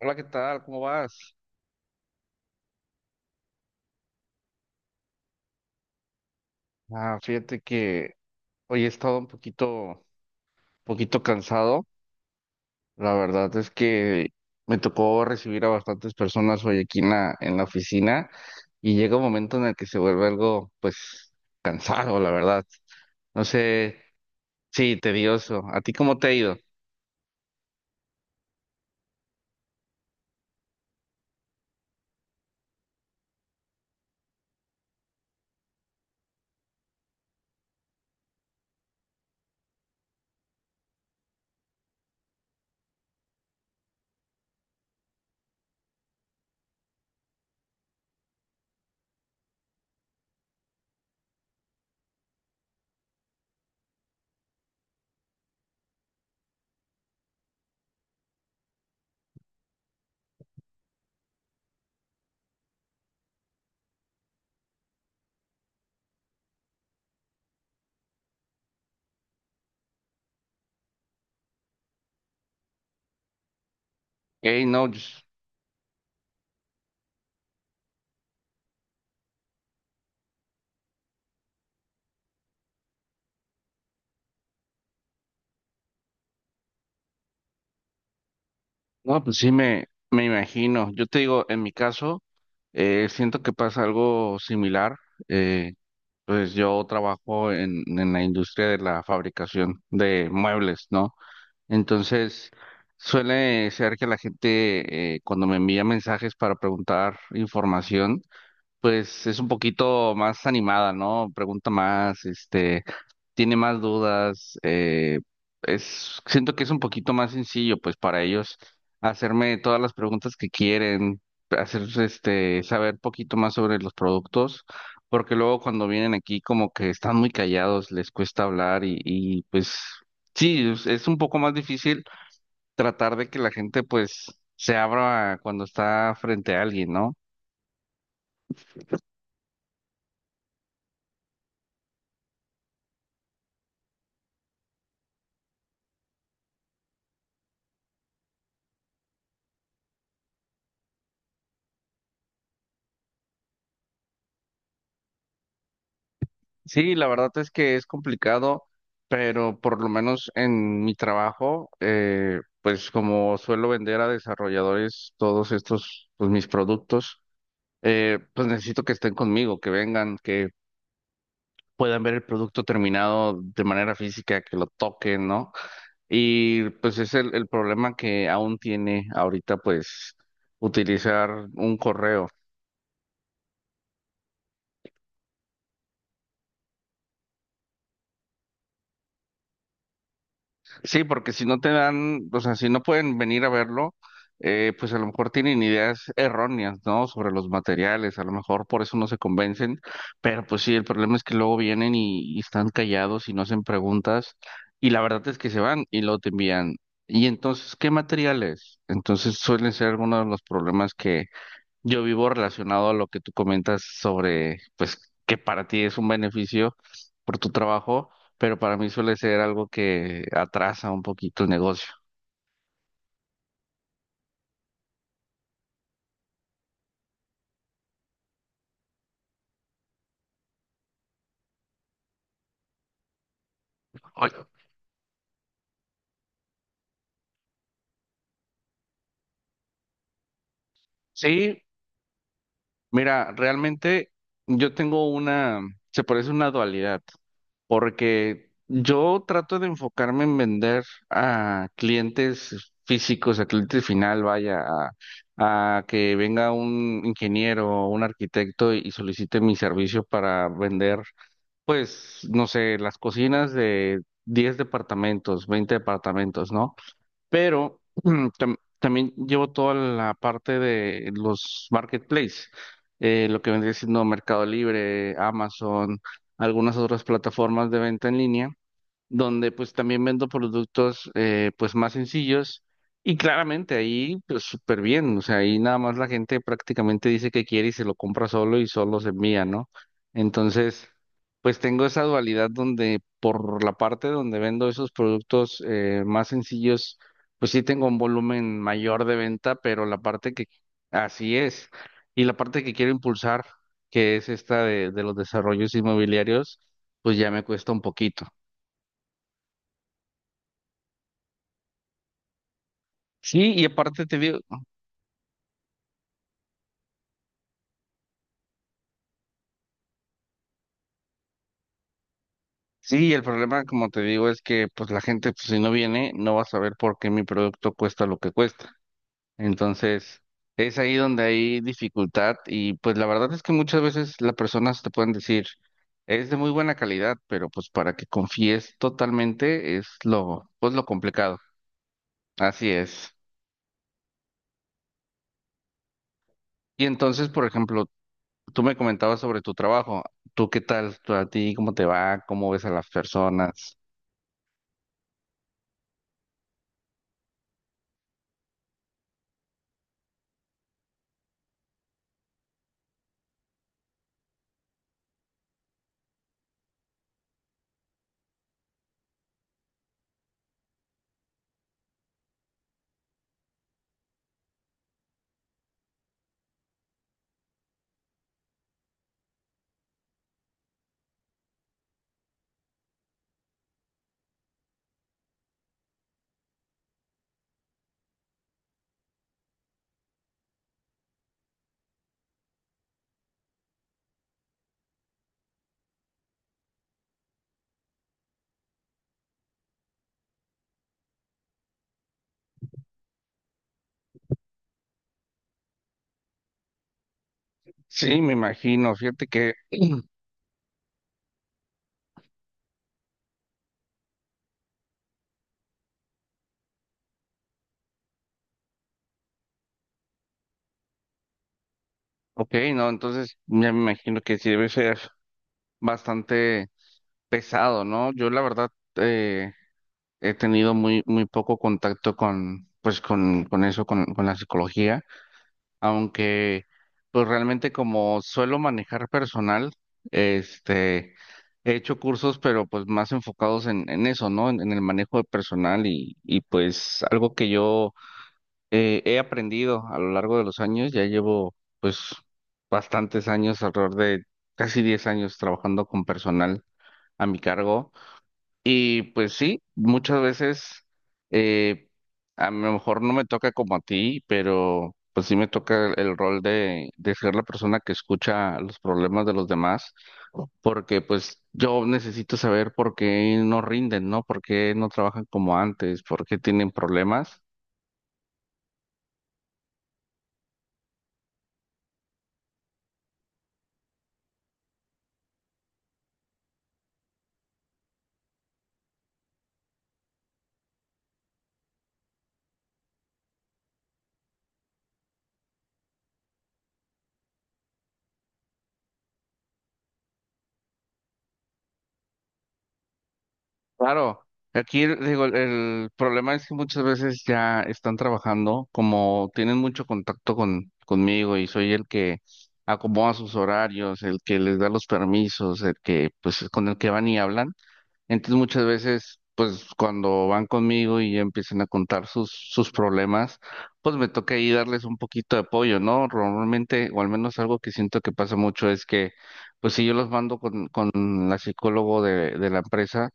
Hola, ¿qué tal? ¿Cómo vas? Ah, fíjate que hoy he estado un poquito, poquito cansado. La verdad es que me tocó recibir a bastantes personas hoy aquí en la oficina y llega un momento en el que se vuelve algo, pues, cansado, la verdad. No sé, sí, tedioso. ¿A ti cómo te ha ido? Hey, no, no, pues sí, me imagino. Yo te digo, en mi caso, siento que pasa algo similar. Pues yo trabajo en la industria de la fabricación de muebles, ¿no? Entonces, suele ser que la gente cuando me envía mensajes para preguntar información, pues es un poquito más animada, ¿no? Pregunta más, este, tiene más dudas, siento que es un poquito más sencillo, pues, para ellos hacerme todas las preguntas que quieren, hacer, este, saber poquito más sobre los productos, porque luego cuando vienen aquí como que están muy callados, les cuesta hablar y pues, sí, es un poco más difícil tratar de que la gente, pues, se abra cuando está frente a alguien, ¿no? Sí, la verdad es que es complicado, pero por lo menos en mi trabajo, pues como suelo vender a desarrolladores todos estos, pues mis productos, pues necesito que estén conmigo, que vengan, que puedan ver el producto terminado de manera física, que lo toquen, ¿no? Y pues es el problema que aún tiene ahorita, pues utilizar un correo. Sí, porque si no te dan, o sea, si no pueden venir a verlo, pues a lo mejor tienen ideas erróneas, ¿no? Sobre los materiales, a lo mejor por eso no se convencen, pero pues sí, el problema es que luego vienen y están callados y no hacen preguntas y la verdad es que se van y luego te envían. Y entonces, ¿qué materiales? Entonces suelen ser algunos de los problemas yo vivo relacionado a lo que tú comentas sobre, pues, que para ti es un beneficio por tu trabajo, pero para mí suele ser algo que atrasa un poquito el negocio. Oye, sí, mira, realmente yo tengo se parece una dualidad, porque yo trato de enfocarme en vender a clientes físicos, a cliente final, vaya, a que venga un ingeniero o un arquitecto y solicite mi servicio para vender. Pues, no sé, las cocinas de 10 departamentos, 20 departamentos, ¿no? Pero también llevo toda la parte de los marketplaces, lo que vendría siendo Mercado Libre, Amazon, algunas otras plataformas de venta en línea donde pues también vendo productos pues más sencillos y claramente ahí pues súper bien, o sea, ahí nada más la gente prácticamente dice que quiere y se lo compra solo y solo se envía, ¿no? Entonces, pues tengo esa dualidad donde por la parte donde vendo esos productos más sencillos, pues sí tengo un volumen mayor de venta, pero la parte que así es y la parte que quiero impulsar, que es esta de los desarrollos inmobiliarios, pues ya me cuesta un poquito. Sí, y aparte te digo, sí, el problema, como te digo, es que pues la gente, pues si no viene, no va a saber por qué mi producto cuesta lo que cuesta. Entonces, es ahí donde hay dificultad y pues la verdad es que muchas veces las personas te pueden decir, es de muy buena calidad, pero pues para que confíes totalmente es lo, pues lo complicado. Así es. Y entonces, por ejemplo, tú me comentabas sobre tu trabajo. ¿Tú qué tal? ¿Tú a ti cómo te va? ¿Cómo ves a las personas? Sí, me imagino. Fíjate que Ok, no, entonces ya me imagino que sí debe ser bastante pesado, ¿no? Yo la verdad he tenido muy, muy poco contacto con, pues con eso, con la psicología, aunque pues realmente como suelo manejar personal, este, he hecho cursos, pero pues más enfocados en eso, ¿no? En el manejo de personal y pues algo que yo he aprendido a lo largo de los años, ya llevo pues bastantes años, alrededor de casi 10 años trabajando con personal a mi cargo y pues sí, muchas veces eh, a lo mejor no me toca como a ti, pero pues sí me toca el rol de ser la persona que escucha los problemas de los demás, porque pues yo necesito saber por qué no rinden, ¿no? ¿Por qué no trabajan como antes? ¿Por qué tienen problemas? Claro, aquí digo, el problema es que muchas veces ya están trabajando, como tienen mucho contacto conmigo y soy el que acomoda sus horarios, el que les da los permisos, el que pues con el que van y hablan. Entonces muchas veces pues cuando van conmigo y empiezan a contar sus problemas, pues me toca ahí darles un poquito de apoyo, ¿no? Normalmente, o al menos algo que siento que pasa mucho es que pues si yo los mando con la psicólogo de la empresa,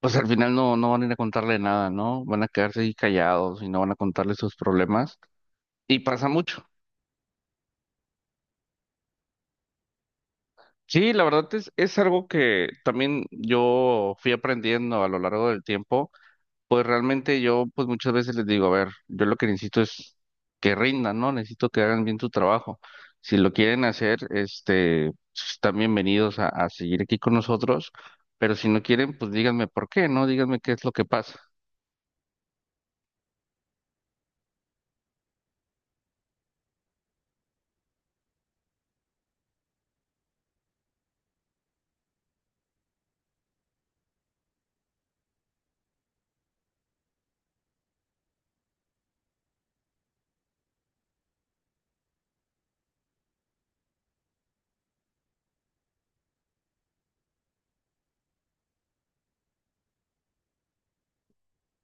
pues al final no, no van a ir a contarle nada, ¿no? Van a quedarse ahí callados y no van a contarle sus problemas. Y pasa mucho. Sí, la verdad es algo que también yo fui aprendiendo a lo largo del tiempo. Pues realmente yo, pues muchas veces les digo, a ver, yo lo que necesito es que rindan, ¿no? Necesito que hagan bien su trabajo. Si lo quieren hacer, este, pues, están bienvenidos a seguir aquí con nosotros. Pero si no quieren, pues díganme por qué, ¿no? Díganme qué es lo que pasa.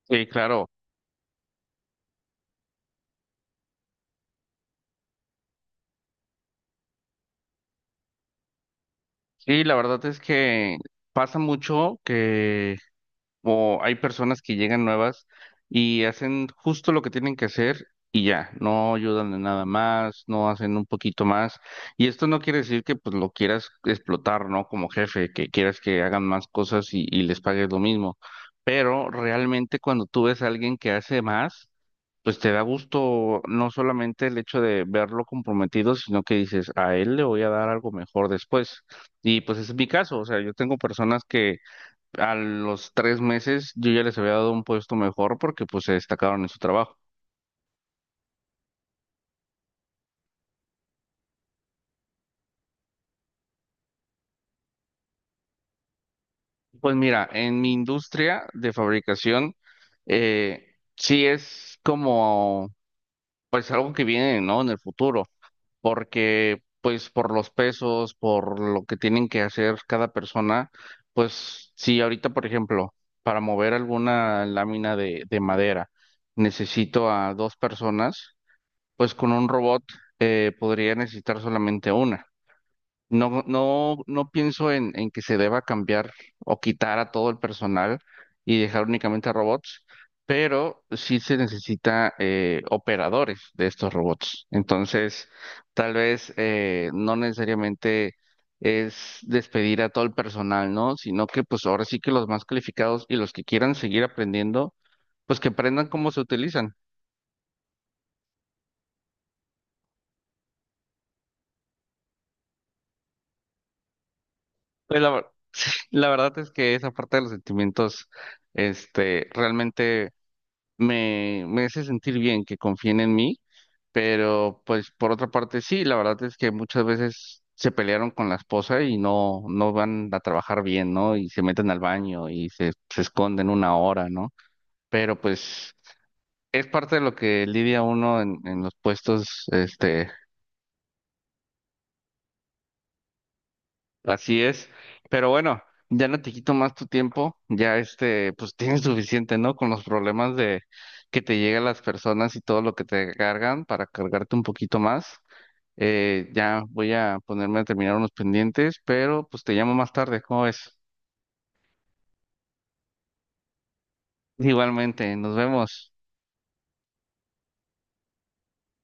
Sí, claro. Sí, la verdad es que pasa mucho que o hay personas que llegan nuevas y hacen justo lo que tienen que hacer y ya, no ayudan en nada más, no hacen un poquito más. Y esto no quiere decir que pues lo quieras explotar, ¿no? Como jefe, que quieras que hagan más cosas y les pagues lo mismo. Pero realmente cuando tú ves a alguien que hace más, pues te da gusto no solamente el hecho de verlo comprometido, sino que dices, a él le voy a dar algo mejor después. Y pues ese es mi caso, o sea, yo tengo personas que a los 3 meses yo ya les había dado un puesto mejor porque pues se destacaron en su trabajo. Pues mira, en mi industria de fabricación, sí es como, pues algo que viene, ¿no? En el futuro. Porque pues por los pesos, por lo que tienen que hacer cada persona, pues si ahorita, por ejemplo, para mover alguna lámina de madera necesito a dos personas, pues con un robot podría necesitar solamente una. No, no, no pienso en que se deba cambiar o quitar a todo el personal y dejar únicamente a robots, pero sí se necesita operadores de estos robots. Entonces, tal vez no necesariamente es despedir a todo el personal, ¿no? Sino que pues ahora sí que los más calificados y los que quieran seguir aprendiendo, pues que aprendan cómo se utilizan. Pues la verdad es que esa parte de los sentimientos, este, realmente me hace sentir bien que confíen en mí, pero pues por otra parte sí, la verdad es que muchas veces se pelearon con la esposa y no, no van a trabajar bien, ¿no? Y se meten al baño y se esconden una hora, ¿no? Pero pues es parte de lo que lidia uno en los puestos, este. Así es. Pero bueno, ya no te quito más tu tiempo. Ya este, pues tienes suficiente, ¿no? Con los problemas de que te llegan las personas y todo lo que te cargan para cargarte un poquito más. Ya voy a ponerme a terminar unos pendientes, pero pues te llamo más tarde. ¿Cómo ves? Igualmente, nos vemos.